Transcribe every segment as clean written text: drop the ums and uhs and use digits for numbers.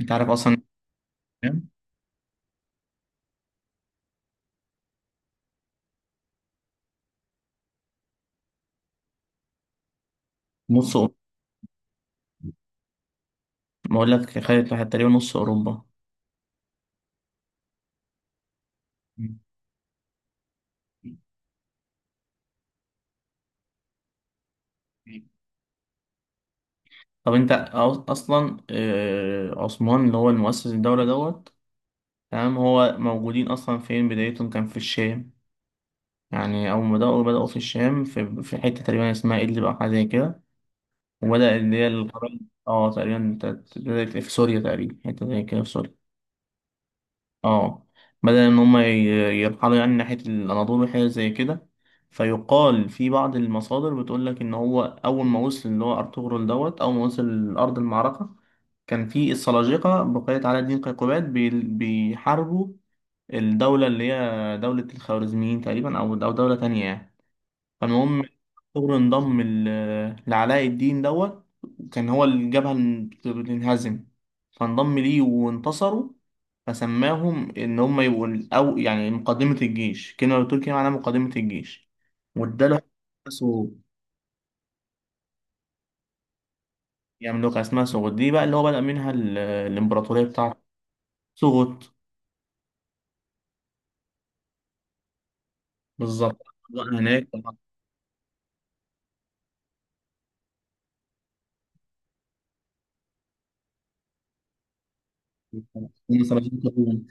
انت عارف اصلا نص أوروبا. بقول لك خدت واحد تقريبا نص اوروبا. مم. طب انت اصلا عثمان اللي هو المؤسس الدولة دوت. تمام، هو موجودين اصلا فين؟ بدايتهم كان في الشام. يعني اول ما بدأوا في الشام في, في حتة تقريبا اسمها إدلب او حاجة زي كده. وبدأ اللي هي القبائل. اه تقريبا بدأت في سوريا، تقريبا حتة زي كده في سوريا. اه بدل ان هم يرحلوا يعني ناحية الاناضول وحاجة زي كده. فيقال في بعض المصادر بتقول لك ان هو اول ما وصل اللي هو ارطغرل دوت، اول ما وصل لارض المعركة كان في السلاجقة بقيت علاء الدين قيقباد بيحاربوا الدولة اللي هي دولة الخوارزميين تقريبا او دولة تانية يعني. فالمهم، ثور انضم لعلاء الدين دوت. كان هو الجبهة اللي بتنهزم، فانضم ليه وانتصروا. فسماهم إن هم يبقوا الأو، يعني مقدمة الجيش، كلمة بالتركي معناها مقدمة الجيش. واداله سو- يملكها، اسمها سوغوت. دي بقى اللي هو بدأ منها الإمبراطورية بتاعته. سوغوت. بالظبط. بقى هناك طبعاً. هم سبعين قرون.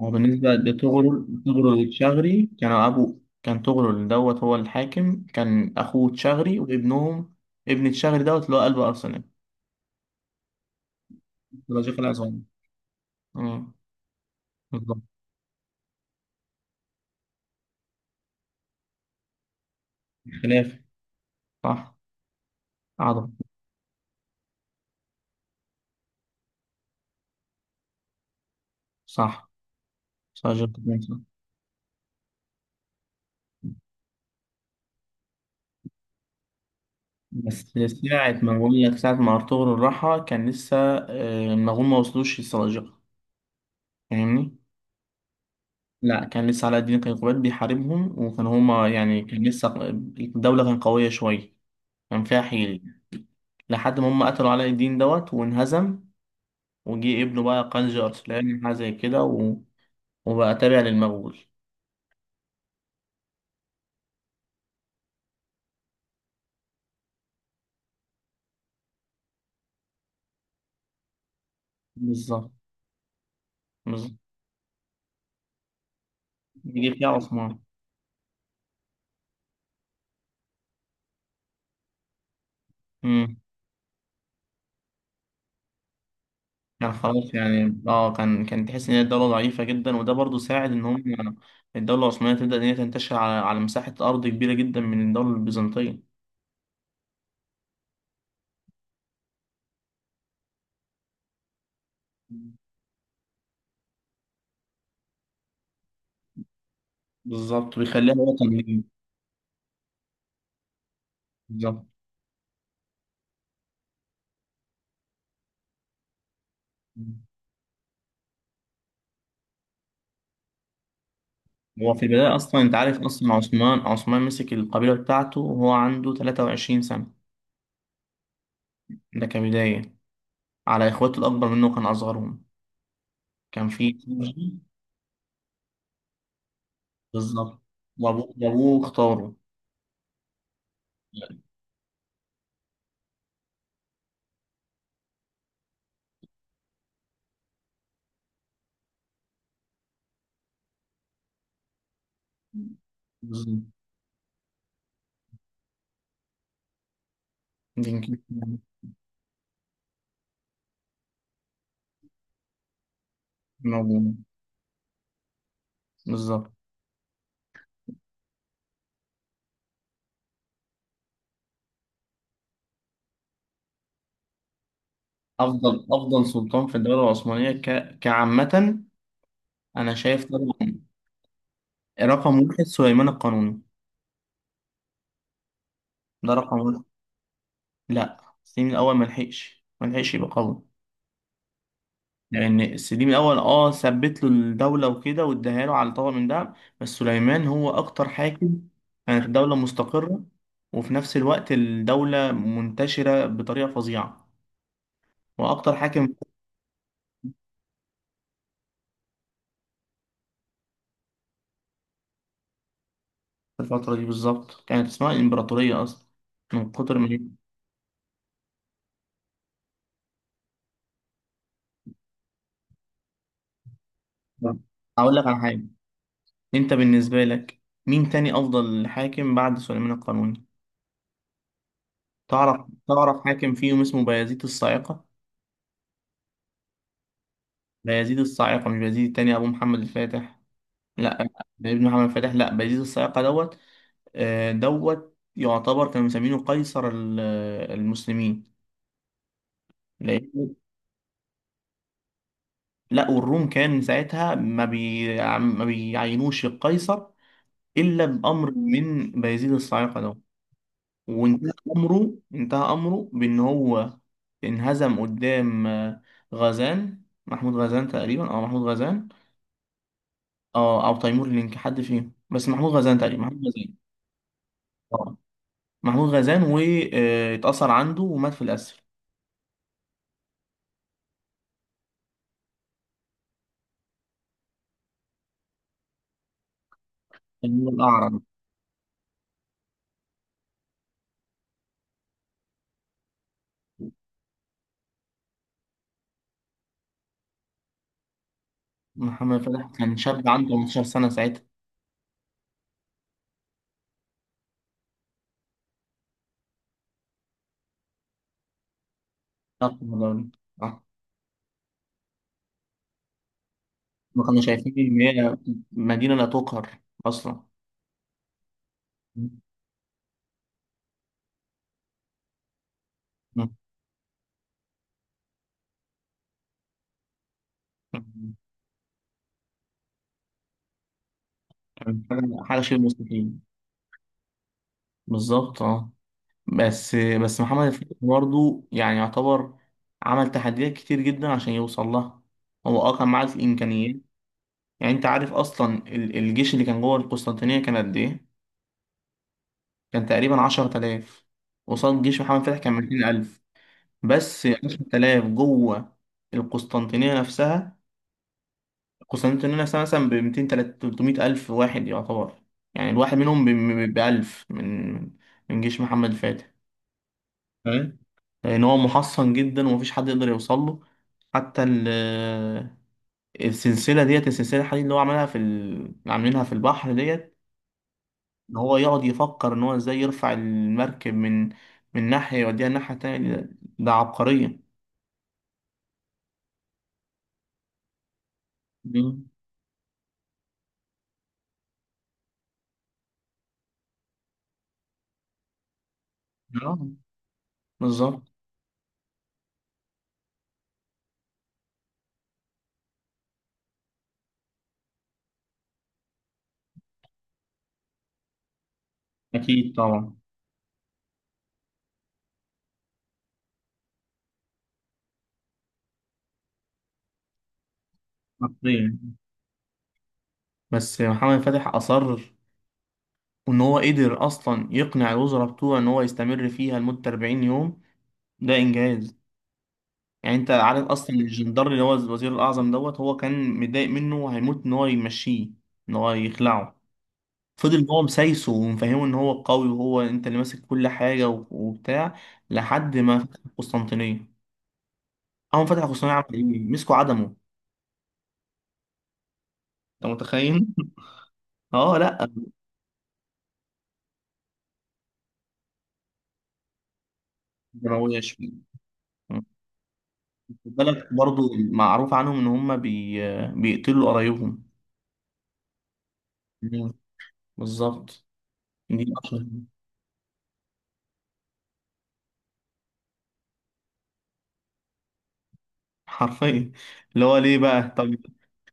هو بالنسبة لتغرل، تغرل الشغري كانوا أبو، كان تغرل دوت هو الحاكم، كان أخوه تشغري وابنهم ابن تشغري دوت اللي هو قلب أرسنال. سلاجقة العظام. آه، بالظبط. خلاف. صح. عظم. صح، سلاجقة العظام، صح. بس ساعة ما أرطغرل راحها كان لسه المغول ما وصلوش للسلاجقة. فاهمني؟ لا، كان لسه علاء الدين كيقوباد بيحاربهم، وكان هما يعني كان لسه الدولة كانت قوية شوية. كان فيها حيل. لحد ما هم قتلوا علاء الدين دوت وانهزم، وجي ابنه بقى قنج أرسلان حاجة زي كده، و... وبقى تابع للمغول. بالظبط بالظبط. جه فيها عثمان. امم كان خلاص يعني، كان تحس ان هي الدولة ضعيفة جدا، وده برضو ساعد ان هم الدولة العثمانية تبدأ ان هي تنتشر على مساحة أرض كبيرة جدا من الدولة البيزنطية. بالظبط، بيخليها وطن ليه. بالظبط. هو في البداية أصلا، أنت عارف أصلا، عثمان مسك القبيلة بتاعته وهو عنده 23 سنة. ده كبداية، على إخواته الأكبر منه، وكان أصغرهم. كان في جي بالظبط. وأبوه اختاره. بالظبط. دينكير. من أبوه. بالظبط. أفضل سلطان في الدولة العثمانية كعامة، أنا شايف طبعا رقم واحد سليمان القانوني. ده رقم واحد. لا، سليم الأول ملحقش يبقى قوي، لان السليم الاول ثبت له الدوله وكده، واداها له على طبق من دهب. بس سليمان هو اكتر حاكم كانت الدوله مستقره، وفي نفس الوقت الدوله منتشره بطريقه فظيعه. واكتر حاكم في الفتره دي بالظبط كانت اسمها الامبراطوريه اصلا من كتر ما هي. هقول لك على حاجه. انت بالنسبه لك، مين تاني افضل حاكم بعد سليمان القانوني؟ تعرف حاكم فيهم اسمه بايزيد الصاعقه؟ بايزيد الصاعقه، مش بايزيد التاني ابو محمد الفاتح. لا، ابن محمد فتح، لا، بيزيد الصياقة دوت. دوت يعتبر كانوا مسمينه قيصر المسلمين. لأن لا، والروم كان ساعتها ما بيعينوش القيصر إلا بأمر من بيزيد الصياقة دوت. وانتهى أمره بإن هو انهزم قدام آه، غزان محمود غزان تقريبا، أو محمود غزان، أو تيمور لينك، حد فيهم، بس محمود غزان تقريبا، محمود غزان محمود غزان. واتأثر عنده ومات في الأسر. كان هو الأعرج. محمد فتح كان شاب عنده 18 سنة ساعتها. آه، والله. آه. ما كانوا شايفين إن هي مدينة لا تقهر أصلا. م- م- حاجة شبه مستحيل. بالظبط، اه. بس محمد فتح برضه يعني يعتبر عمل تحديات كتير جدا عشان يوصل لها. هو اه كان معاه الإمكانيات. يعني أنت عارف أصلا الجيش اللي كان جوه القسطنطينية كان قد إيه؟ كان تقريبا 10000 قصاد جيش محمد فتح، كان 200000، بس 10000 جوه القسطنطينية نفسها. القسطنطينية نفسها مثلا ب 200 300000 واحد يعتبر. يعني الواحد منهم ب 1000 من جيش محمد فتح. فاهم؟ لأن هو محصن جدا ومفيش حد يقدر يوصل له. حتى السلسلة ديت، السلسلة الحديد اللي هو عملها في عاملينها في البحر ديت، ان هو يقعد يفكر ان هو ازاي يرفع المركب من ناحية يوديها الناحية التانية، ده عبقرية. مم. اه، بالظبط. اكيد طبعا. عبقرية. بس محمد فتح اصر، وان هو قدر اصلا يقنع الوزراء بتوعه ان هو يستمر فيها لمدة 40 يوم. ده انجاز. يعني انت عارف اصلا الجندر اللي هو الوزير الاعظم دوت، هو كان متضايق منه وهيموت ان هو يمشيه، ان هو يخلعه. فضل هو مسايسه ومفهمه ان هو القوي وهو انت اللي ماسك كل حاجه و- وبتاع، لحد ما فتح القسطنطينيه. اول ما فتح القسطنطينيه عمل ايه؟ مسكوا عدمه. انت متخيل؟ اه، لا، دمويه شويه. خد بالك برضه معروف عنهم ان هم بيقتلوا قرايبهم. مم. بالظبط. دي أشهر. حرفيا. اللي هو ليه بقى، طب؟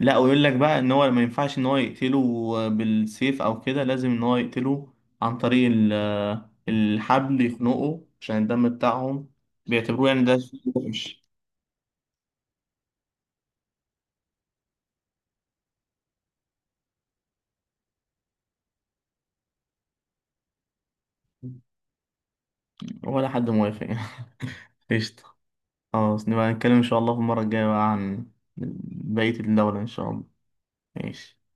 لا، ويقول لك بقى ان هو ما ينفعش ان هو يقتله بالسيف او كده، لازم ان هو يقتله عن طريق الحبل، يخنقه عشان الدم بتاعهم بيعتبروه، يعني ده شيء وحش. ولا حد موافق يعني. قشطة. خلاص، نبقى نتكلم ان شاء الله في المرة الجاية بقى عن بقية الدولة ان شاء الله. ماشي.